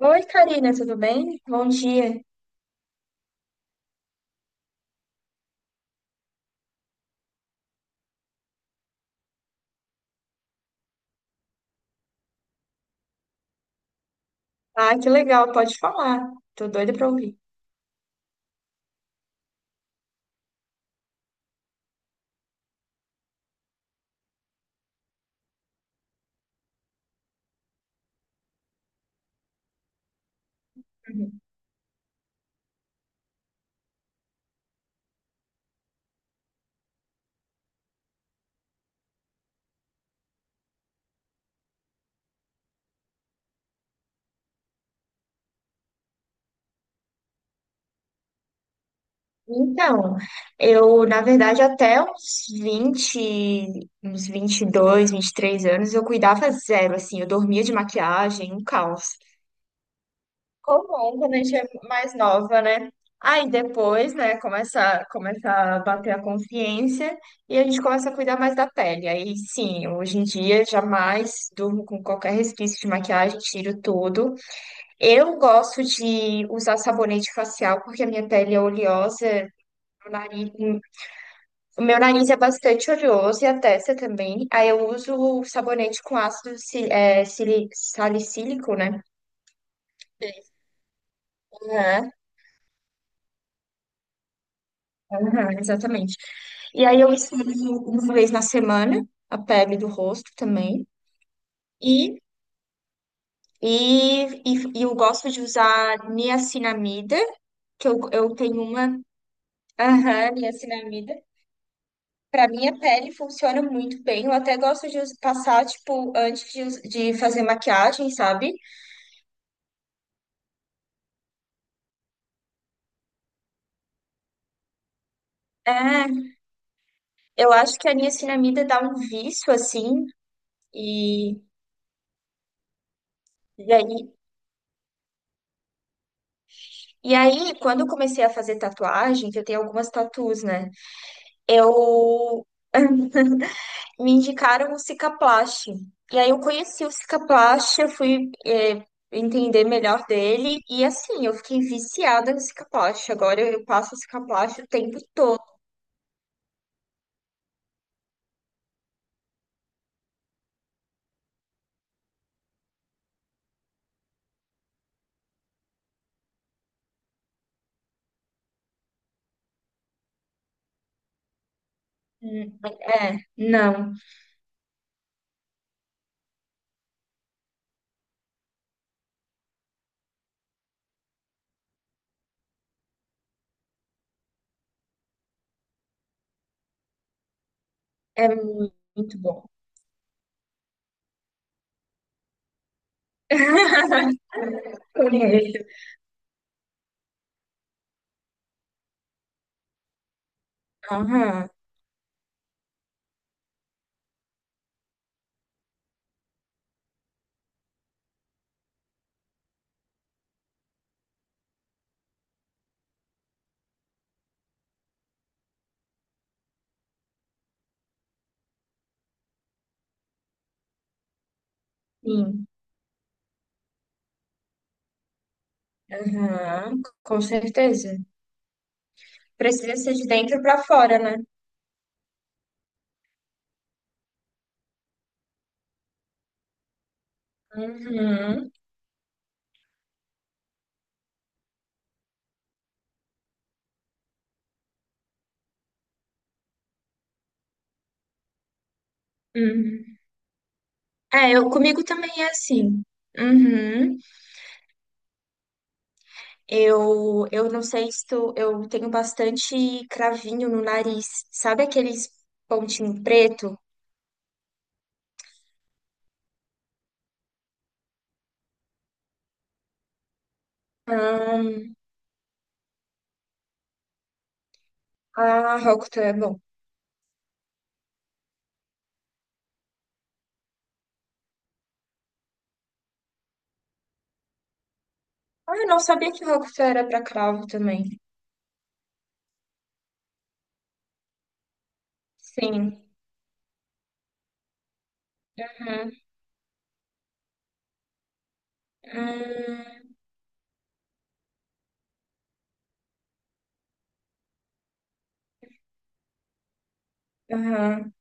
Oi, Karina, tudo bem? Bom dia. Ah, que legal, pode falar. Tô doida para ouvir. Uhum. Então, eu, na verdade, até uns 20, uns 22, três anos, eu cuidava zero, assim, eu dormia de maquiagem, um caos. Como é quando a gente é mais nova, né? Aí depois, né, começa a bater a consciência e a gente começa a cuidar mais da pele. Aí sim, hoje em dia jamais durmo com qualquer resquício de maquiagem, tiro tudo. Eu gosto de usar sabonete facial porque a minha pele é oleosa, meu nariz, o meu nariz é bastante oleoso e a testa também. Aí eu uso o sabonete com ácido salicílico, né? Aham, aham, exatamente. E aí eu esfrego uma vez na semana a pele do rosto também. E, e eu gosto de usar niacinamida, que eu tenho uma. Aham, niacinamida. Para minha pele funciona muito bem. Eu até gosto de passar, tipo, antes de, de fazer maquiagem, sabe? É, eu acho que a niacinamida dá um vício, assim, e, e aí. E aí, quando eu comecei a fazer tatuagem, que eu tenho algumas tatus, né? Eu me indicaram o Cicaplast. E aí eu conheci o Cicaplast, eu fui entender melhor dele. E assim, eu fiquei viciada no Cicaplast. Agora eu passo o Cicaplast o tempo. Hum. É, não, é muito bom. Conheço. Aham, sim, aham, com certeza. Precisa ser de dentro pra fora, né? Uhum, uhum. É, eu, comigo também é assim. Uhum. Eu não sei se tu, eu tenho bastante cravinho no nariz. Sabe aqueles pontinho preto? Ah, ah, Rocto é bom. Ah, eu não sabia que Rocto era pra cravo também. Sim. Hum, hum, aham.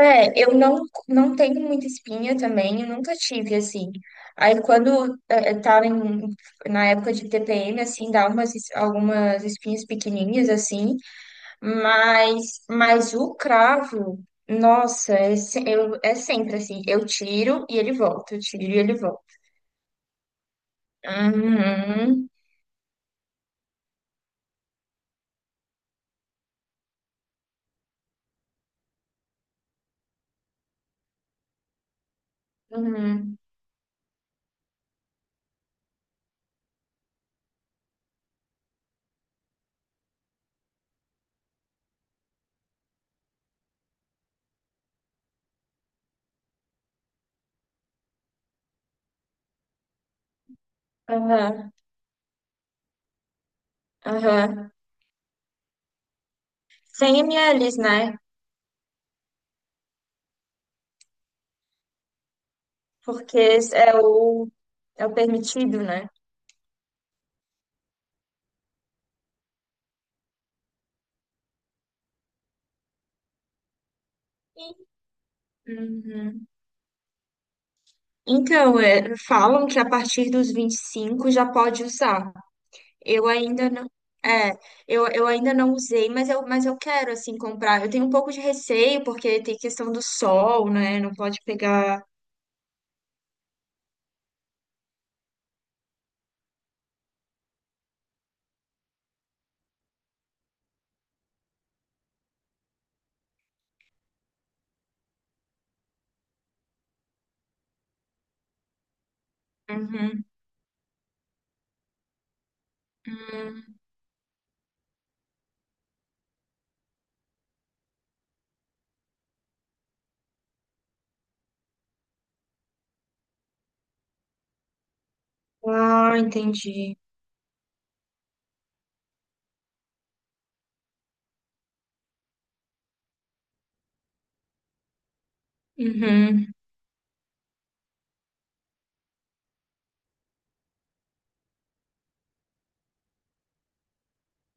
É, eu não, não tenho muita espinha também, eu nunca tive, assim. Aí quando eu tava em, na época de TPM, assim, dá umas, algumas espinhas pequenininhas, assim, mas o cravo, nossa, é, eu, é sempre assim, eu tiro e ele volta, eu tiro e ele volta. Uhum, uhum, aham, aham. 100 ml, né? Porque é o, é o permitido, né? Uhum. Então, é, falam que a partir dos 25 já pode usar. Eu ainda não, é, eu ainda não usei, mas eu quero, assim, comprar. Eu tenho um pouco de receio, porque tem questão do sol, né? Não pode pegar. Uhum. Hum. Ah, entendi. Uhum.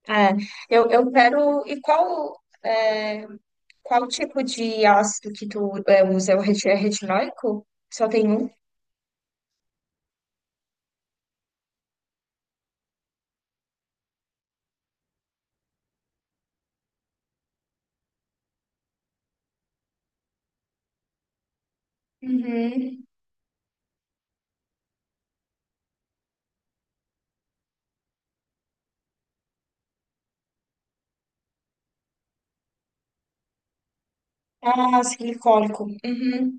É, eu quero. E qual, é, qual tipo de ácido que tu é, usa? É o é retinóico? Só tem um? Uhum. Ah, silicólico. Uhum.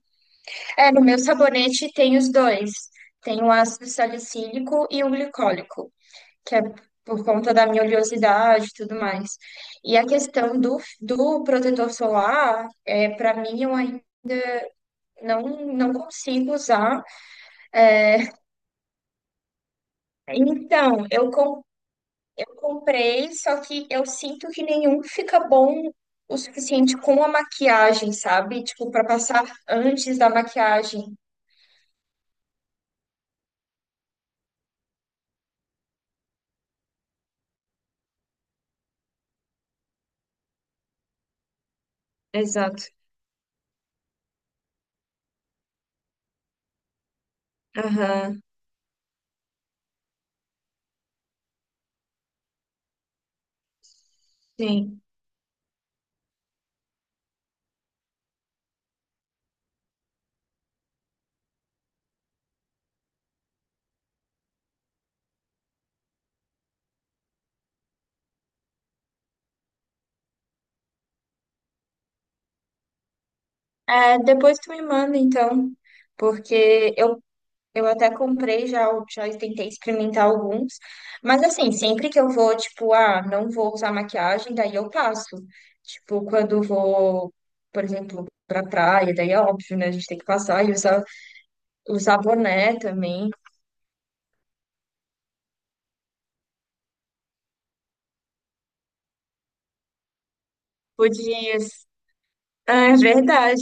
É, no meu sabonete tem os dois. Tem o ácido salicílico e o glicólico, que é por conta da minha oleosidade e tudo mais. E a questão do, do protetor solar, é, para mim, eu ainda não, não consigo usar. Então, eu, com, eu comprei, só que eu sinto que nenhum fica bom o suficiente com a maquiagem, sabe? Tipo, para passar antes da maquiagem. Exato. Aham. Sim. É, depois tu me manda, então, porque eu até comprei já, já tentei experimentar alguns, mas assim, sempre que eu vou, tipo, ah, não vou usar maquiagem, daí eu passo. Tipo, quando vou, por exemplo, pra praia, daí é óbvio, né? A gente tem que passar e usar, usar boné também. Por dias. Ah, é verdade.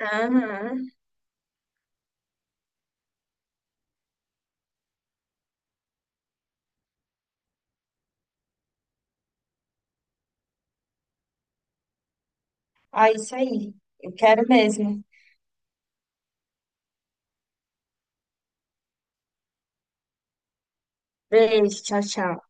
Aham. Ah, isso aí. Eu quero mesmo. Beijo, tchau, tchau.